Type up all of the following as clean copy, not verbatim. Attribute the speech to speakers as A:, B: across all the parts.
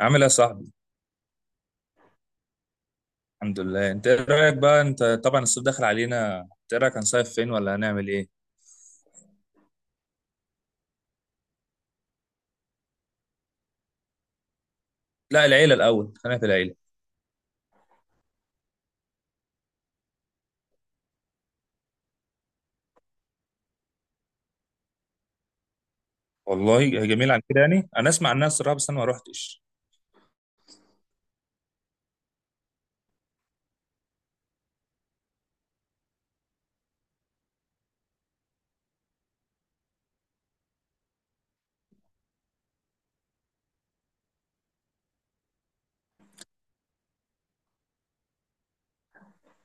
A: عامل ايه يا صاحبي؟ الحمد لله. انت ايه رايك بقى، انت طبعا الصيف داخل علينا، انت ايه رايك هنصيف فين ولا هنعمل ايه؟ لا، العيله الاول، خلينا في العيله. والله جميل. عن كده يعني انا اسمع عنها الصراحه، بس انا ما روحتش.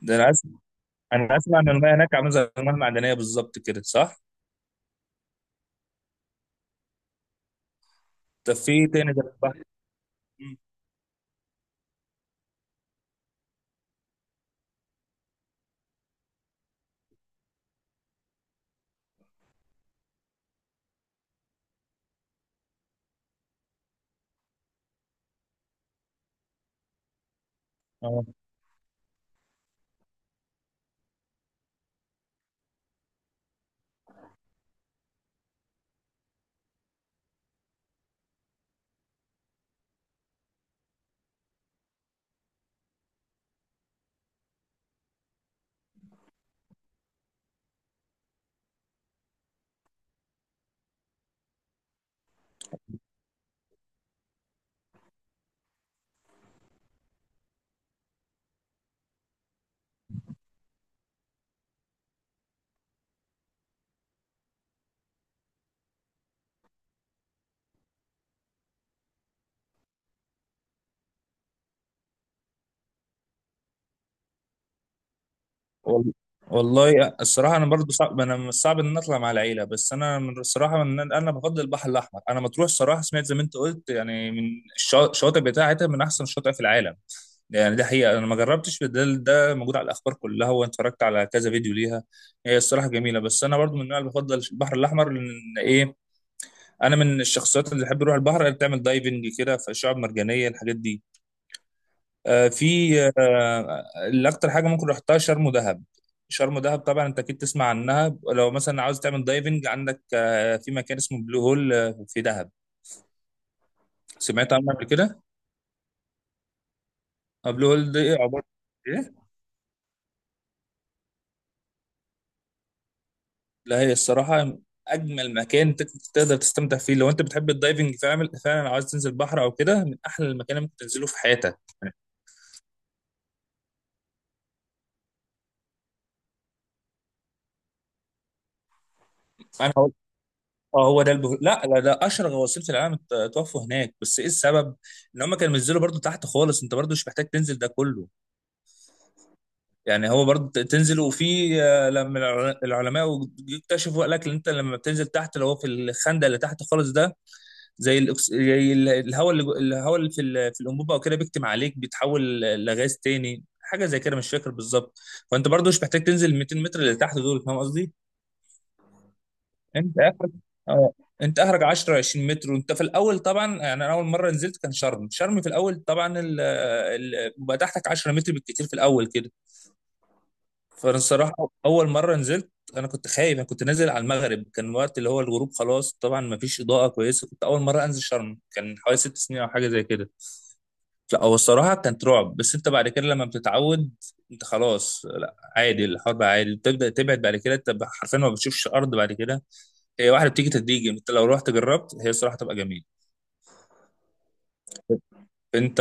A: ده انا اسمع انا اسمع ان المياه هناك عامله زي المياه المعدنيه بالظبط كده، صح؟ طب في ايه تاني غير البحر؟ مم. اه وال- والله الصراحه، انا برضو صعب، انا من الصعب ان أنا اطلع مع العيله، بس انا من الصراحه ان انا بفضل البحر الاحمر. انا مطروح صراحه، سمعت زي ما انت قلت، يعني من الشواطئ بتاعتها من احسن الشواطئ في العالم. يعني ده حقيقة، أنا ما جربتش، ده ده موجود على الأخبار كلها، وأنا اتفرجت على كذا فيديو ليها. هي الصراحة جميلة، بس أنا برضو من النوع اللي بفضل البحر الأحمر. لأن إيه، أنا من الشخصيات اللي بحب أروح البحر، اللي بتعمل دايفنج كده في الشعاب المرجانية، الحاجات دي. آه في آه اللي أكتر حاجة ممكن رحتها شرم ودهب. شرم ودهب طبعا أنت أكيد تسمع عنها، لو مثلا عاوز تعمل دايفنج عندك في مكان اسمه بلو هول، في دهب. سمعت عنه قبل كده؟ بلو هول ده إيه عبارة؟ إيه؟ لا هي الصراحة أجمل مكان تقدر تستمتع فيه لو أنت بتحب الدايفنج فعلا، فعلا عايز تنزل بحر أو كده، من أحلى المكان اللي ممكن تنزله في حياتك يعني. أنا هقول، أه هو ده لا لا لا، أشهر غواصين في العالم اتوفوا هناك، بس إيه السبب؟ إن هم كانوا بينزلوا برضو تحت خالص، أنت برضو مش محتاج تنزل ده كله. يعني هو برضو تنزل، وفي، لما العلماء اكتشفوا، قال لك إن أنت لما بتنزل تحت، اللي هو في الخندق اللي تحت خالص ده، زي الهواء اللي في الانبوبه او كده، بيكتم عليك، بيتحول لغاز تاني، حاجه زي كده، مش فاكر بالظبط. فانت برضو مش محتاج تنزل ال 200 متر اللي تحت دول، فاهم قصدي. انت اخرك، اه، انت اخرك 10 20 متر، وانت في الاول طبعا يعني، انا اول مره نزلت كان شرم شرم في الاول طبعا، بيبقى تحتك 10 متر بالكتير في الاول كده. فانا الصراحه اول مره نزلت انا كنت خايف، انا كنت نازل على المغرب، كان وقت اللي هو الغروب خلاص، طبعا ما فيش اضاءه كويسه، كنت اول مره انزل شرم، كان حوالي 6 سنين او حاجه زي كده. لا هو الصراحة كانت رعب، بس انت بعد كده لما بتتعود، انت خلاص لا، عادي، الحوار بقى عادي، بتبدأ تبعد، بعد كده انت حرفيا ما بتشوفش الارض بعد كده. هي واحدة بتيجي تدريجي، انت لو رحت جربت هي الصراحة تبقى جميلة. انت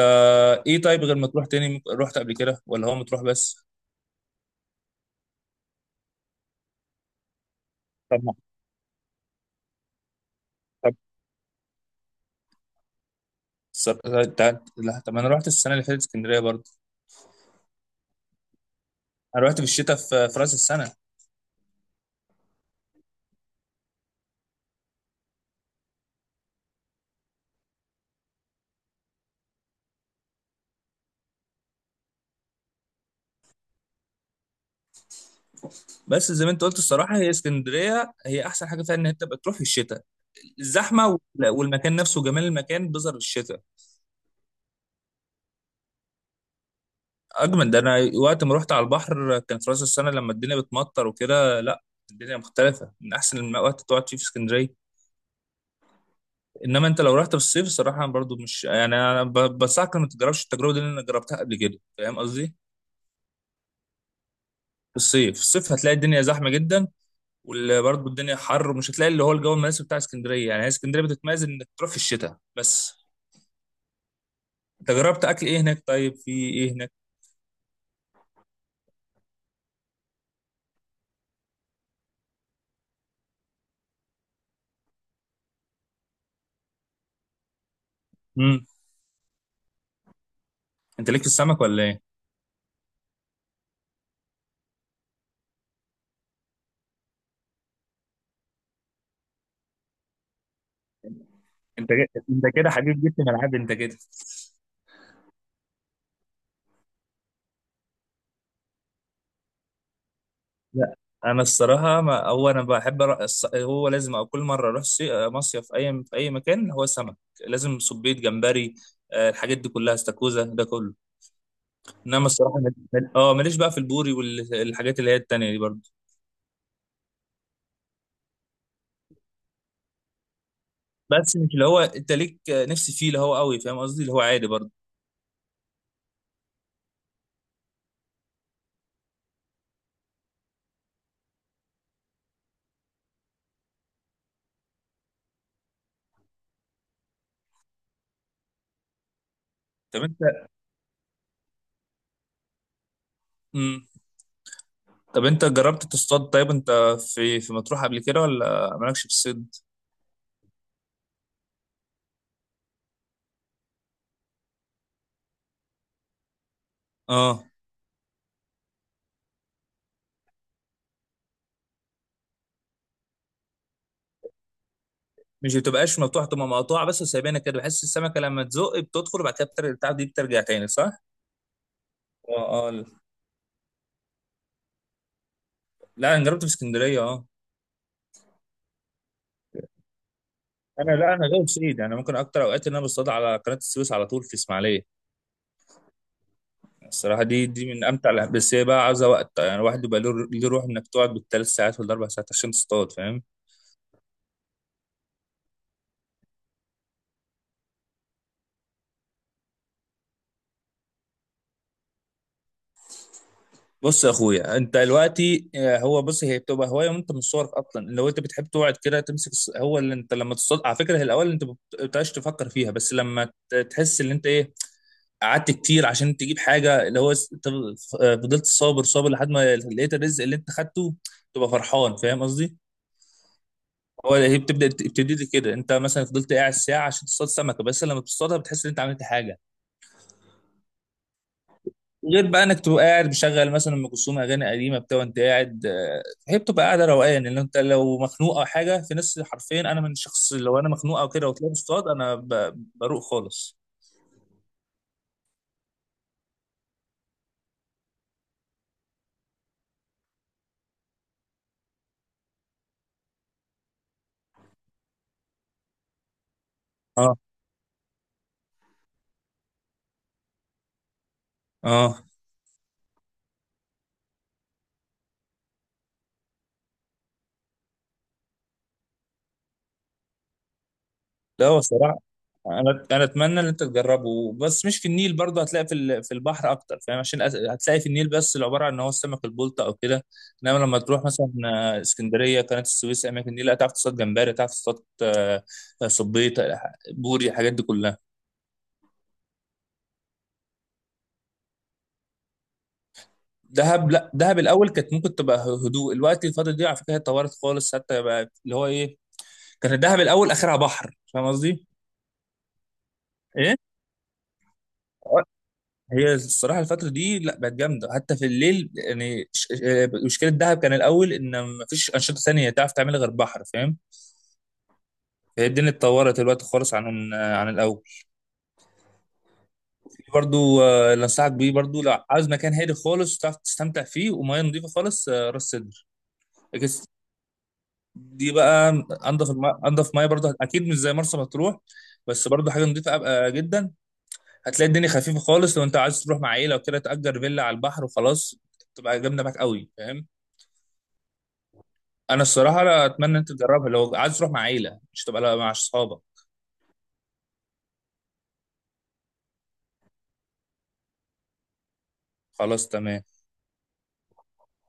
A: ايه طيب، غير ما تروح تاني، رحت قبل كده ولا هو مطروح بس؟ طب ما- طب صر- ده- لا طب انا رحت السنة اللي فاتت اسكندرية برضه. انا رحت في الشتاء، في راس السنة. بس زي ما انت قلت الصراحة، هي اسكندرية هي احسن حاجة فيها ان انت بتروح في الشتاء، الزحمة والمكان نفسه، جمال المكان بيظهر في الشتاء. اجمل، ده انا وقت ما رحت على البحر كان في راس السنه لما الدنيا بتمطر وكده. لا الدنيا مختلفه، من احسن الوقت تقعد فيه في اسكندريه. انما انت لو رحت في الصيف الصراحه، أنا برضو مش يعني انا بنصحك إنك ما تجربش التجربه دي اللي انا جربتها قبل كده، فاهم قصدي. في الصيف هتلاقي الدنيا زحمه جدا، وبرضه الدنيا حر، ومش هتلاقي اللي هو الجو المناسب بتاع اسكندريه. يعني هي اسكندريه بتتميز انك تروح في الشتاء بس. انت جربت اكل ايه هناك؟ طيب في ايه هناك؟ امم. انت ليك في السمك ولا ايه؟ انت كده حبيب، جيت في ملعبي انت كده. لا انا الصراحه، ما هو انا بحب هو لازم أو كل مره اروح مصيف اي في اي مكان، هو سمك، لازم صبيط جمبري، الحاجات دي كلها، استاكوزا ده كله. انما الصراحه ماليش بقى في البوري والحاجات اللي هي التانية دي برضه. بس مش اللي هو انت ليك نفسي فيه اللي هو قوي، فاهم قصدي، اللي هو عادي برضه. طب انت، مم. طب انت جربت تصطاد؟ طيب انت في مطروح قبل كده ولا مالكش في الصيد؟ اه. مش بتبقاش مفتوحه، تبقى مقطوعه بس وسايبينها كده، بحس السمكه لما تزق بتدخل، وبعد كده بتاع دي بترجع تاني، صح؟ اه اه. لا انا جربت في اسكندريه، اه. انا لا، انا غير سعيد، انا ممكن اكتر اوقات ان انا بصطاد على قناه السويس على طول، في اسماعيليه. الصراحه دي دي من امتع بس هي بقى عايزه وقت يعني، الواحد بيبقى له له روح انك تقعد بالثلاث ساعات ولا 4 ساعات عشان تصطاد، فاهم. بص يا اخويا، انت دلوقتي، هو بص هي بتبقى هوايه، وانت من صغرك اصلا لو انت بتحب تقعد كده تمسك هو اللي انت لما تصطاد على فكره، هي الاول انت ما بتبقاش تفكر فيها، بس لما تحس ان انت ايه قعدت كتير عشان تجيب حاجه، اللي هو فضلت صابر صابر لحد ما لقيت الرزق اللي انت خدته، تبقى فرحان، فاهم قصدي؟ هو هي بتبدا بتبتدي لي كده، انت مثلا فضلت قاعد ساعه عشان تصطاد سمكه، بس لما بتصطادها بتحس ان انت عملت حاجه. غير بقى انك تبقى قاعد مشغل مثلا ام كلثوم اغاني قديمه بتاع، وانت قاعد، هي بتبقى قاعده روقان، لان انت لو مخنوق او حاجه، في ناس حرفيا، انا من شخص لو انا مخنوق او كده وطلعت اصطاد انا بروق خالص. اه اه. لا هو الصراحه انا اتمنى ان انت تجربه، بس مش في النيل برضه، هتلاقي في في البحر اكتر، فاهم، عشان هتلاقي في النيل بس اللي عباره عن ان هو السمك البلطي او كده. انما لما تروح مثلا، اسكندريه، قناه السويس، اماكن النيل، هتعرف تصطاد جمبري، هتعرف تصطاد، صبيط، بوري، الحاجات دي كلها. دهب، لا دهب الاول كانت ممكن تبقى هدوء، الوقت الفتره دي، على فكره هي اتطورت خالص، حتى بقى اللي هو ايه، كان دهب الاول اخرها بحر، فاهم قصدي؟ ايه؟ هي الصراحه الفتره دي لا بقت جامده حتى في الليل. يعني مشكله دهب كان الاول ان مفيش انشطه ثانيه تعرف تعملها غير بحر، فاهم. فهي الدنيا اتطورت دلوقتي خالص عن، عن الاول. برضو، اللي انصحك بيه برضو لو عاوز مكان هادي خالص تعرف تستمتع فيه وميه نظيفه خالص، راس سدر. لكن دي بقى، انضف ميه برضو، اكيد مش زي مرسى مطروح، بس برضو حاجه نظيفه جدا. هتلاقي الدنيا خفيفه خالص، لو انت عايز تروح مع عيله وكده تأجر فيلا على البحر وخلاص، تبقى جامده معاك قوي، فاهم. انا الصراحه لا اتمنى انت تجربها لو عايز تروح مع عيله، مش تبقى لا مع اصحابك. خلاص تمام.